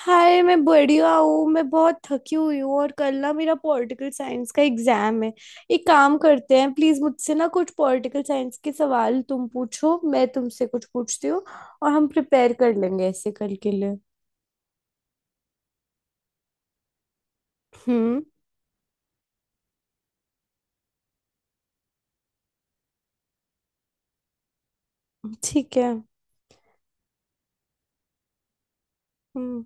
हाय, मैं बढ़िया हूँ। मैं बहुत थकी हुई हूँ और कल ना मेरा पॉलिटिकल साइंस का एग्जाम है। एक काम करते हैं, प्लीज मुझसे ना कुछ पॉलिटिकल साइंस के सवाल तुम पूछो, मैं तुमसे कुछ पूछती हूँ और हम प्रिपेयर कर लेंगे ऐसे कल के लिए। हम्म। ठीक है। हम्म।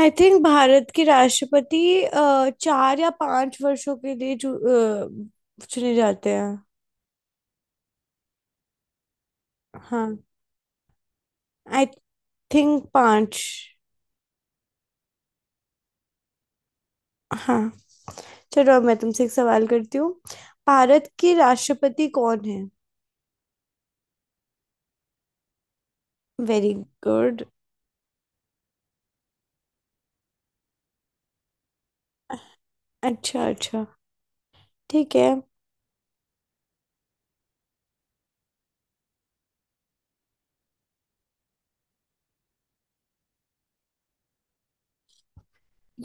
आई थिंक भारत के राष्ट्रपति 4 या 5 वर्षों के लिए चुने जाते हैं। हाँ। आई थिंक पांच। हाँ, चलो अब मैं तुमसे एक सवाल करती हूँ। भारत के राष्ट्रपति कौन है? Very good. अच्छा अच्छा, ठीक है।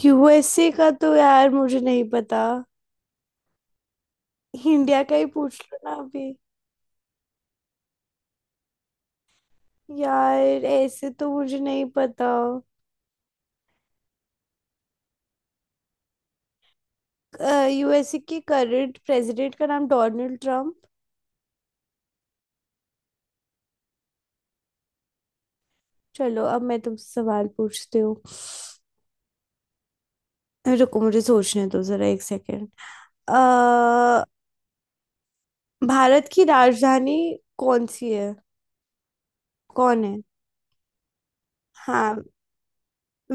यूएसए का तो यार मुझे नहीं पता। इंडिया का ही पूछ लो ना अभी। यार ऐसे तो मुझे नहीं पता। यूएसए के करंट प्रेसिडेंट का नाम डोनाल्ड ट्रम्प। चलो अब मैं तुमसे सवाल पूछती हूँ। रुको मुझे सोचने दो जरा 1 सेकेंड। भारत की राजधानी कौन सी है? कौन है? हाँ।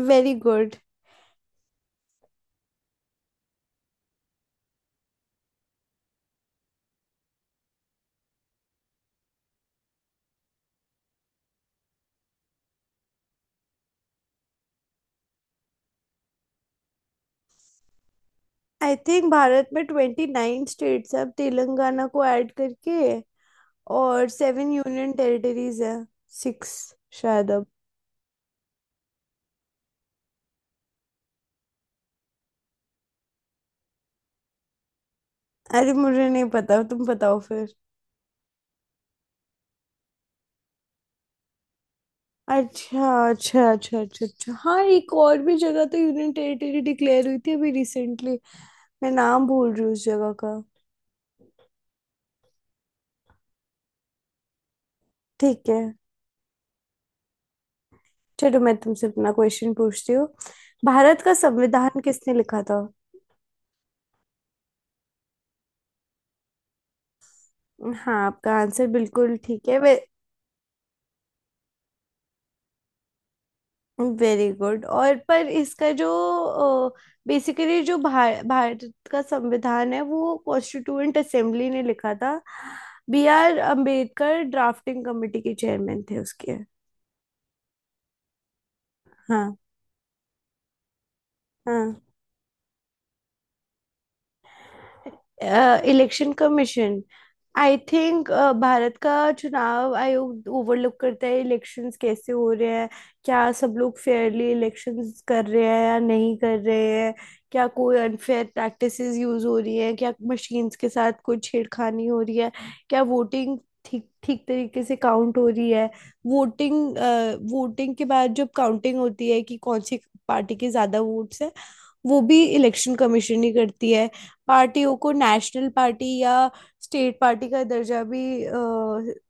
Very good. I think Bharat में 29 स्टेट्स है, अब तेलंगाना को ऐड करके, और सेवन यूनियन टेरिटरीज है। सिक्स, शायद अब। अरे मुझे नहीं पता, तुम बताओ फिर। अच्छा अच्छा अच्छा अच्छा अच्छा, हाँ एक और भी जगह तो यूनियन टेरिटरी डिक्लेयर हुई थी अभी रिसेंटली। मैं नाम भूल रही हूँ उस जगह का। ठीक है। चलो मैं तुमसे अपना क्वेश्चन पूछती हूँ। भारत का संविधान किसने लिखा था? हाँ, आपका आंसर बिल्कुल ठीक है। वे वेरी गुड, और पर इसका जो बेसिकली जो भारत का संविधान है वो कॉन्स्टिट्यूएंट असेंबली ने लिखा था। B R Ambedkar drafting committee के चेयरमैन थे उसके। हाँ। हाँ। Election commission, I think, Bharat का चुनाव आयोग ओवरलुक करता है इलेक्शंस कैसे हो रहे हैं। क्या सब लोग फेयरली इलेक्शंस कर रहे हैं या नहीं कर रहे हैं? क्या कोई अनफेयर प्रैक्टिसेस यूज हो रही हैं? क्या मशीन्स के साथ कोई छेड़खानी हो रही है? क्या वोटिंग ठीक ठीक तरीके से काउंट हो रही है? वोटिंग वोटिंग के बाद जब काउंटिंग होती है कि कौन सी पार्टी के ज़्यादा वोट्स हैं, वो भी इलेक्शन कमीशन ही करती है। पार्टियों को नेशनल पार्टी या स्टेट पार्टी का दर्जा भी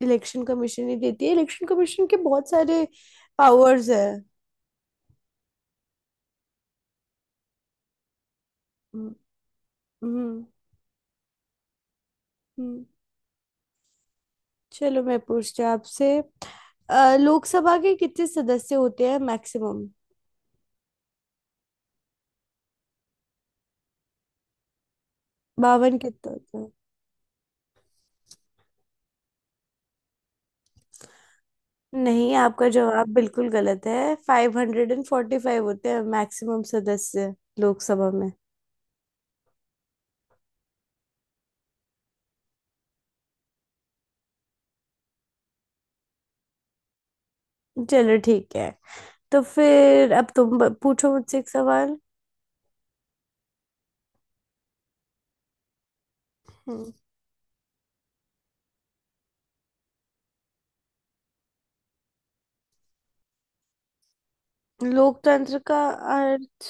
इलेक्शन कमीशन ही देती है। इलेक्शन कमीशन के बहुत सारे पावर्स है। हम्म। हम्म। हम्म। चलो मैं पूछती हूँ आपसे। लोकसभा के कितने सदस्य होते हैं मैक्सिमम? 52 कितने होते हैं? नहीं, आपका जवाब बिल्कुल गलत है। 545 होते हैं मैक्सिमम सदस्य लोकसभा में। चलो ठीक है। तो फिर अब तुम पूछो मुझसे एक सवाल। लोकतंत्र का अर्थ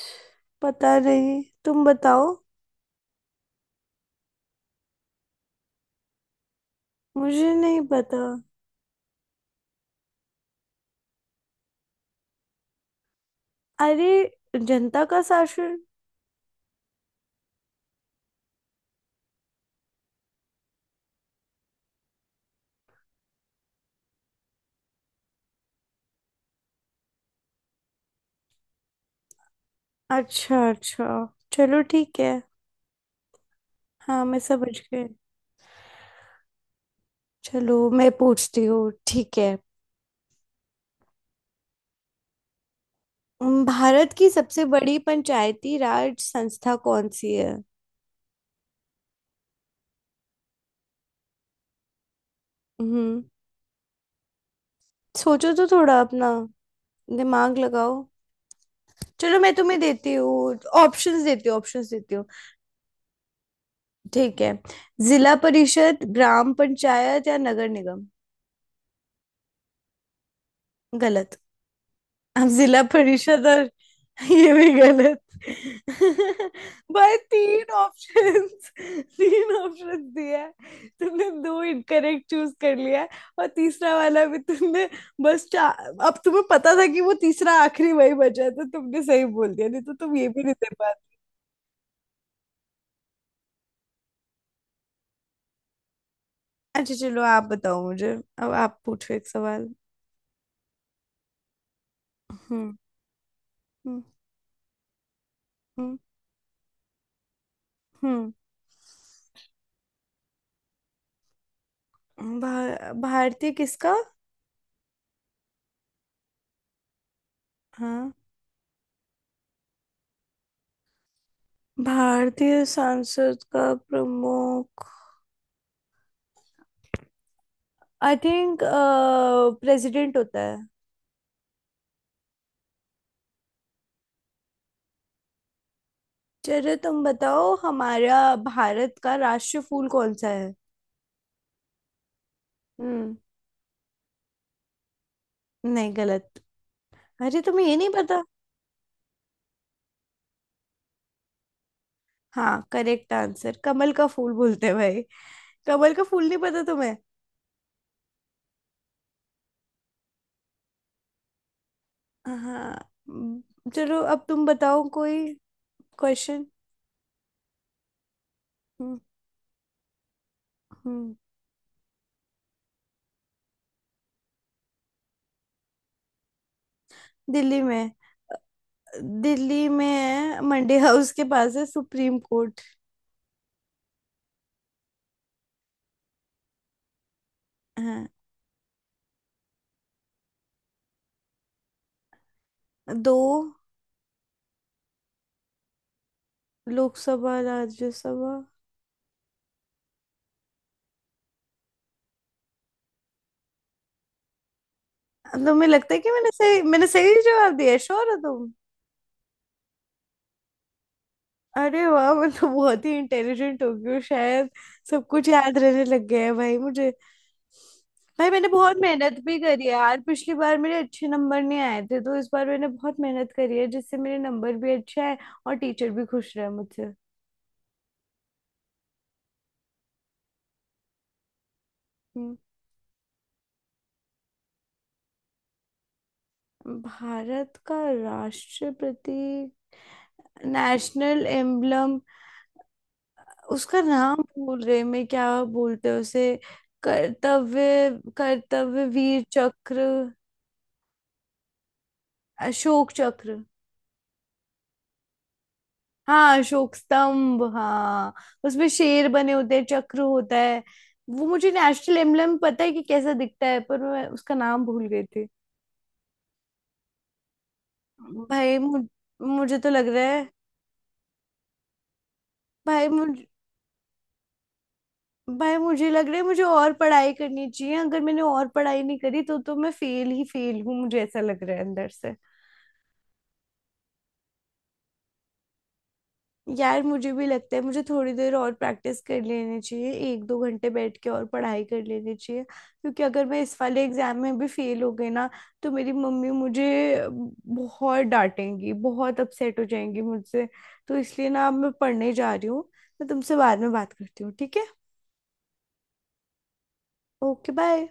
पता नहीं, तुम बताओ। मुझे नहीं पता। अरे, जनता का शासन! अच्छा अच्छा, चलो ठीक है। हाँ मैं समझ गई। चलो मैं पूछती हूँ, ठीक है। भारत की सबसे बड़ी पंचायती राज संस्था कौन सी है? हम्म। सोचो तो थोड़ा अपना दिमाग लगाओ। चलो मैं तुम्हें देती हूँ, ऑप्शंस देती हूँ, ऑप्शंस देती हूँ। ठीक है। जिला परिषद, ग्राम पंचायत या नगर निगम? गलत। अब जिला परिषद और। ये भी गलत। भाई, तीन ऑप्शंस। तीन ऑप्शंस दिया है, तुमने दो इनकरेक्ट चूज कर लिया है और तीसरा वाला भी तुमने, बस चार। अब तुम्हें पता था कि वो तीसरा आखिरी वही बचा है तो तुमने सही बोल दिया, नहीं तो तुम ये भी नहीं दे पाते। अच्छा चलो, आप बताओ मुझे। अब आप पूछो एक सवाल। हम्म। हम्म। हम्म। हम्म। भा, भारतीय किसका? हाँ, भारतीय सांसद का प्रमुख, आई थिंक, प्रेसिडेंट होता है। चलो तुम बताओ, हमारा भारत का राष्ट्रीय फूल कौन सा है? हम्म। नहीं, गलत। अरे तुम्हें ये नहीं पता? हाँ, करेक्ट आंसर कमल का फूल बोलते हैं, भाई। कमल का फूल नहीं पता तुम्हें? हाँ। हम्म। चलो अब तुम बताओ कोई क्वेश्चन। हम्म। हम्म। दिल्ली में। दिल्ली में है, मंडी हाउस के पास है सुप्रीम कोर्ट। है। दो। लोकसभा, राज्यसभा। तुम्हें लगता है कि मैंने सही जवाब दिया? श्योर हो तुम? अरे वाह, मैं तो बहुत ही इंटेलिजेंट हो गई हूँ शायद। सब कुछ याद रहने लग गया है भाई मुझे। भाई, मैंने बहुत मेहनत भी करी है यार, पिछली बार मेरे अच्छे नंबर नहीं आए थे तो इस बार मैंने बहुत मेहनत करी है जिससे मेरे नंबर भी अच्छे आए। और टीचर भी खुश रहे मुझसे। हम्म। भारत का राष्ट्रपति, नेशनल एम्बलम, उसका नाम भूल रही मैं, क्या बोलते हैं उसे? कर्तव्य, कर्तव्य वीर चक्र? अशोक चक्र? हाँ अशोक स्तंभ, हाँ। उसमें शेर बने होते हैं, चक्र होता है। वो मुझे नेशनल एम्बलम पता है कि कैसा दिखता है, पर मैं उसका नाम भूल गई थी। भाई मुझे तो लग रहा है। भाई मुझ, भाई मुझे लग रहा है मुझे और पढ़ाई करनी चाहिए। अगर मैंने और पढ़ाई नहीं करी तो मैं फेल ही फेल हूँ, मुझे ऐसा लग रहा है अंदर से। यार मुझे भी लगता है मुझे थोड़ी देर और प्रैक्टिस कर लेनी चाहिए, एक दो घंटे बैठ के और पढ़ाई कर लेनी चाहिए, क्योंकि अगर मैं इस वाले एग्जाम में भी फेल हो गई ना तो मेरी मम्मी मुझे बहुत डांटेंगी, बहुत अपसेट हो जाएंगी मुझसे। तो इसलिए ना अब मैं पढ़ने जा रही हूँ। मैं तुमसे बाद में बात करती हूँ, ठीक है? Okay bye.